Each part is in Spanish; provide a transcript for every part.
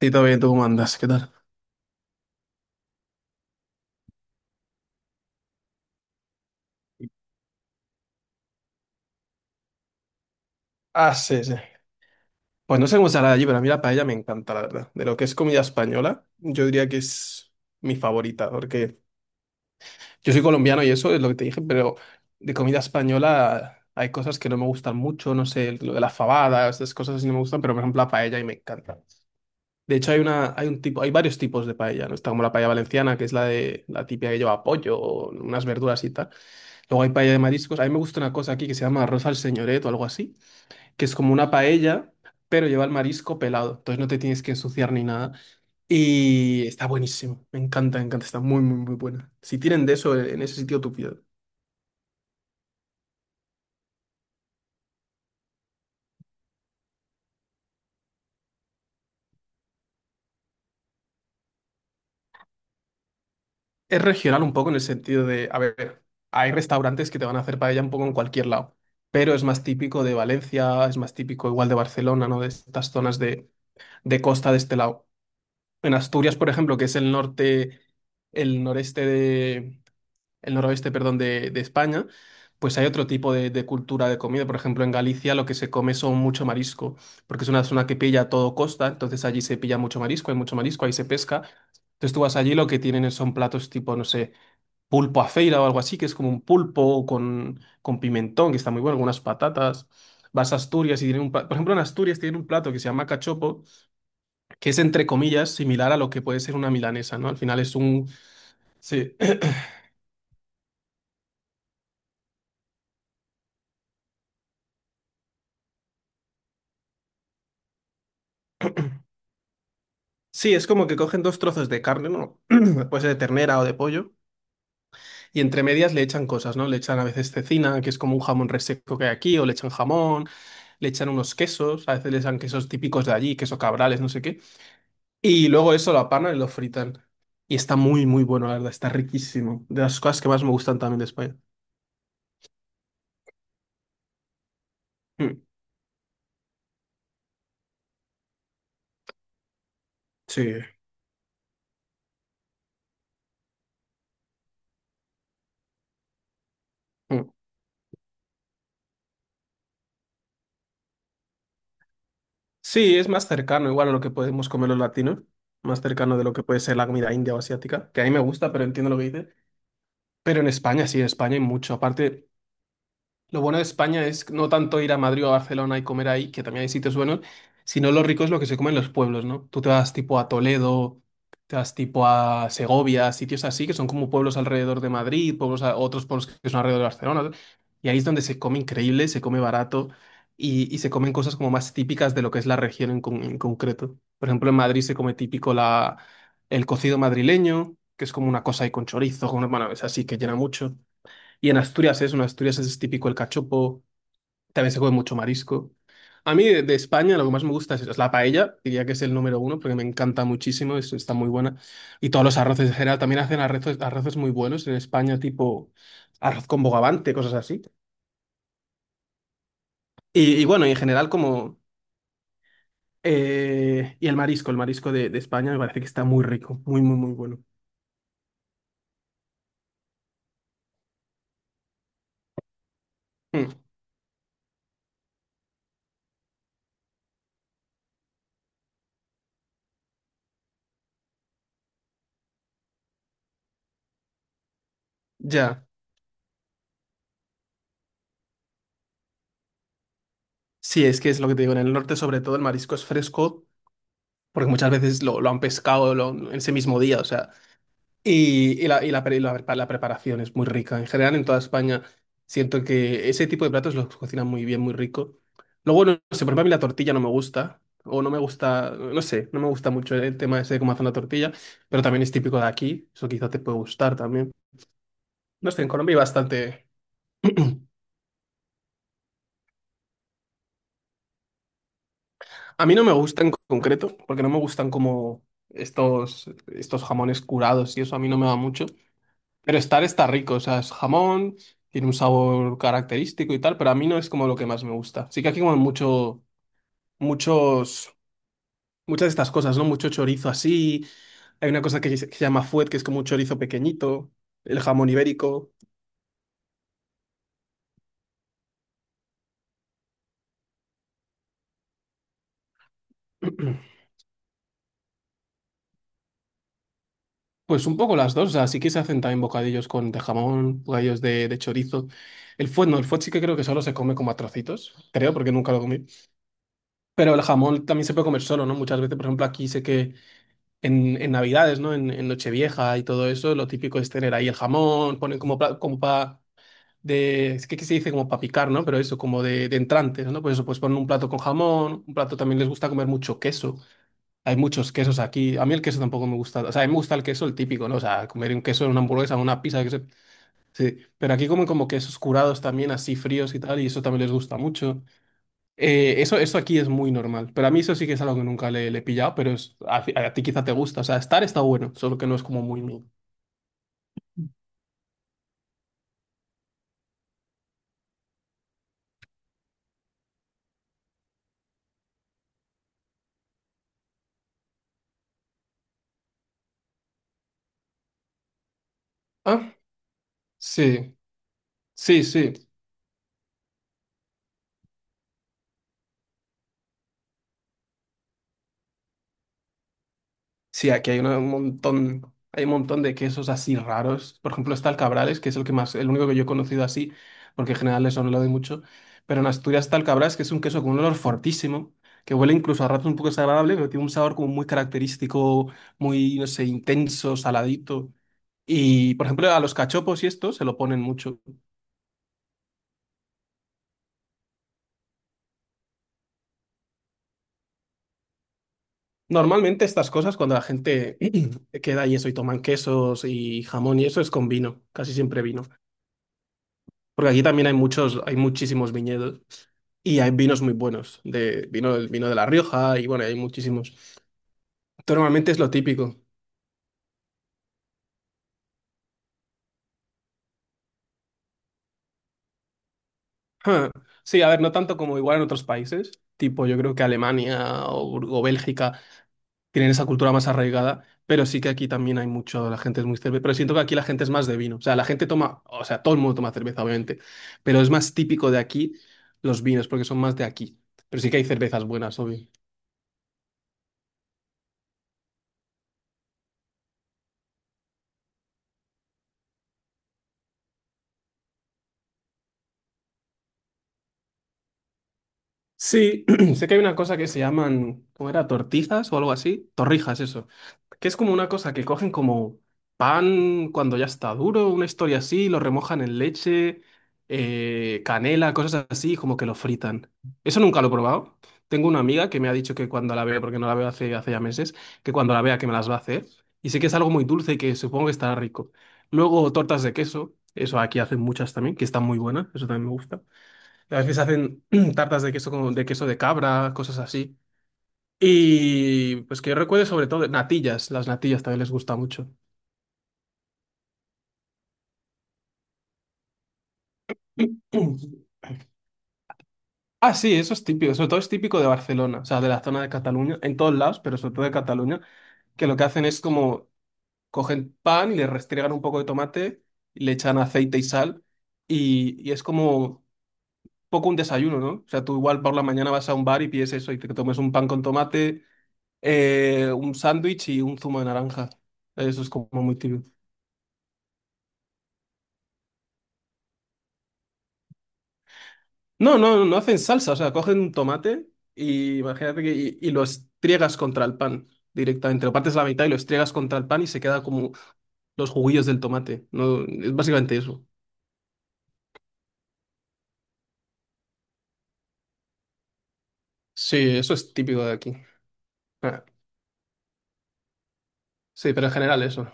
Sí, todo bien, ¿tú cómo andas? ¿Qué tal? Ah, sí, sí. Pues no sé cómo será allí, pero a mí la paella me encanta, la verdad. De lo que es comida española, yo diría que es mi favorita, porque yo soy colombiano y eso es lo que te dije, pero de comida española hay cosas que no me gustan mucho, no sé, lo de las fabadas, esas cosas así no me gustan, pero por ejemplo la paella y me encanta. De hecho hay una, hay un tipo, hay varios tipos de paella, ¿no? Está como la paella valenciana, que es la de la típica que lleva pollo, unas verduras y tal. Luego hay paella de mariscos. A mí me gusta una cosa aquí que se llama arroz al señoret o algo así que es como una paella, pero lleva el marisco pelado, entonces no te tienes que ensuciar ni nada. Y está buenísimo, me encanta, está muy, muy, muy buena. Si tienen de eso en ese sitio, tú pides. Es regional un poco en el sentido de, a ver, hay restaurantes que te van a hacer paella un poco en cualquier lado, pero es más típico de Valencia, es más típico igual de Barcelona, ¿no? De estas zonas de costa de este lado. En Asturias, por ejemplo, que es el norte, el noreste de el noroeste, perdón, de España, pues hay otro tipo de cultura de comida. Por ejemplo, en Galicia lo que se come son mucho marisco, porque es una zona que pilla todo costa, entonces allí se pilla mucho marisco, hay mucho marisco, ahí se pesca. Entonces tú vas allí, lo que tienen son platos tipo, no sé, pulpo a feira o algo así, que es como un pulpo con pimentón, que está muy bueno, algunas patatas. Vas a Asturias y tienen un plato, por ejemplo, en Asturias tienen un plato que se llama cachopo, que es entre comillas similar a lo que puede ser una milanesa, ¿no? Al final es un, sí. Sí, es como que cogen dos trozos de carne, ¿no? Pues de ternera o de pollo, y entre medias le echan cosas, ¿no? Le echan a veces cecina, que es como un jamón reseco que hay aquí, o le echan jamón, le echan unos quesos, a veces le echan quesos típicos de allí, queso cabrales, no sé qué. Y luego eso lo apanan y lo fritan. Y está muy, muy bueno, la verdad, está riquísimo. De las cosas que más me gustan también de España. Mm. Sí. Mm. Sí, es más cercano igual a lo que podemos comer los latinos, más cercano de lo que puede ser la comida india o asiática, que a mí me gusta, pero entiendo lo que dices. Pero en España, sí, en España hay mucho. Aparte, lo bueno de España es no tanto ir a Madrid o a Barcelona y comer ahí, que también hay sitios buenos, sino lo rico es lo que se come en los pueblos, ¿no? Tú te vas tipo a Toledo, te vas tipo a Segovia, sitios así, que son como pueblos alrededor de Madrid, pueblos otros pueblos que son alrededor de Barcelona, ¿no? Y ahí es donde se come increíble, se come barato y se comen cosas como más típicas de lo que es la región en concreto. Por ejemplo, en Madrid se come típico el cocido madrileño, que es como una cosa ahí con chorizo, con, una, bueno, es así que llena mucho. Y en Asturias es típico el cachopo, también se come mucho marisco. A mí de España lo que más me gusta es la paella, diría que es el número uno porque me encanta muchísimo, está muy buena. Y todos los arroces en general, también hacen arroces, arroces muy buenos en España, tipo arroz con bogavante, cosas así. Y bueno, y en general como... y el marisco de España me parece que está muy rico, muy, muy, muy bueno. Mm, ya, sí, es que es lo que te digo, en el norte sobre todo el marisco es fresco porque muchas veces lo han pescado en ese mismo día, o sea... la preparación es muy rica. En general, en toda España, siento que ese tipo de platos los cocinan muy bien, muy rico. Luego, no sé, por ejemplo, a mí la tortilla no me gusta, o no me gusta, no sé, no me gusta mucho el tema ese de cómo hacen la tortilla, pero también es típico de aquí, eso quizá te puede gustar también. No sé, en Colombia hay bastante... A mí no me gusta en concreto, porque no me gustan como estos jamones curados y eso a mí no me va mucho. Pero estar está rico, o sea, es jamón, tiene un sabor característico y tal, pero a mí no es como lo que más me gusta. Sí que aquí como mucho, muchos, muchas de estas cosas, ¿no? Mucho chorizo así, hay una cosa que se llama fuet, que es como un chorizo pequeñito, el jamón ibérico. Pues un poco las dos, o sea, sí que se hacen también bocadillos con de jamón, bocadillos de chorizo. El fuet no, el fuet sí que creo que solo se come como a trocitos, creo, porque nunca lo comí. Pero el jamón también se puede comer solo, ¿no? Muchas veces, por ejemplo, aquí sé que en Navidades, ¿no? En Nochevieja y todo eso, lo típico es tener ahí el jamón, ponen como para, como pa- de, es que se dice como para picar, ¿no? Pero eso, como de entrantes, ¿no? Pues eso, pues ponen un plato con jamón, un plato también les gusta comer mucho queso. Hay muchos quesos aquí. A mí el queso tampoco me gusta. O sea, a mí me gusta el queso, el típico, ¿no? O sea, comer un queso en una hamburguesa, una pizza, sí. Pero aquí comen como quesos curados también, así fríos y tal, y eso también les gusta mucho. Eso aquí es muy normal, pero a mí eso sí que es algo que nunca le he pillado, pero a ti quizá te gusta, o sea, estar está bueno, solo que no es como muy mío. Ah, sí, sí, sí. Sí, aquí hay un montón, hay un montón de quesos así raros. Por ejemplo, está el Cabrales, que es el que más, el único que yo he conocido así, porque en general eso no lo doy mucho, pero en Asturias está el Cabrales, que es un queso con un olor fortísimo, que huele incluso a ratos un poco desagradable, pero tiene un sabor como muy característico, muy, no sé, intenso, saladito. Y, por ejemplo, a los cachopos y esto se lo ponen mucho. Normalmente estas cosas, cuando la gente queda y eso y toman quesos y jamón y eso, es con vino, casi siempre vino. Porque aquí también hay muchos, hay muchísimos viñedos y hay vinos muy buenos, de vino, el vino de La Rioja y bueno, hay muchísimos. Entonces, normalmente es lo típico. Ja. Sí, a ver, no tanto como igual en otros países, tipo yo creo que Alemania o Bélgica, tienen esa cultura más arraigada, pero sí que aquí también hay mucho, la gente es muy cerveza, pero siento que aquí la gente es más de vino, o sea, la gente toma, o sea, todo el mundo toma cerveza, obviamente, pero es más típico de aquí los vinos, porque son más de aquí, pero sí que hay cervezas buenas. Sí, sé que hay una cosa que se llaman, ¿cómo era? Tortizas o algo así. Torrijas, eso. Que es como una cosa que cogen como pan cuando ya está duro, una historia así, lo remojan en leche, canela, cosas así, como que lo fritan. Eso nunca lo he probado. Tengo una amiga que me ha dicho que cuando la vea, porque no la veo hace ya meses, que cuando la vea que me las va a hacer. Y sé que es algo muy dulce y que supongo que estará rico. Luego tortas de queso, eso aquí hacen muchas también, que están muy buenas, eso también me gusta. A veces hacen tartas de queso, de queso de cabra, cosas así. Y pues que yo recuerde sobre todo natillas, las natillas también les gusta mucho. Ah, sí, eso es típico, sobre todo es típico de Barcelona, o sea, de la zona de Cataluña, en todos lados, pero sobre todo de Cataluña, que lo que hacen es como cogen pan y le restriegan un poco de tomate, y le echan aceite y sal, y es como poco un desayuno, ¿no? O sea, tú igual por la mañana vas a un bar y pides eso y te tomes un pan con tomate, un sándwich y un zumo de naranja. Eso es como muy típico. No, no, no hacen salsa, o sea, cogen un tomate y imagínate que y lo estriegas contra el pan directamente. Lo partes a la mitad y lo estriegas contra el pan y se queda como los juguillos del tomate. No, es básicamente eso. Sí, eso es típico de aquí. Ah, sí, pero en general eso.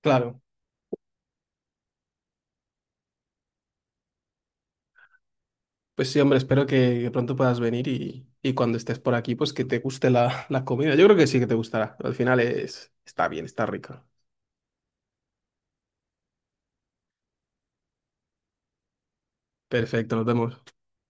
Claro. Pues sí, hombre, espero que pronto puedas venir y cuando estés por aquí, pues que te guste la comida. Yo creo que sí que te gustará. Al final es, está bien, está rica. Perfecto, nos vemos.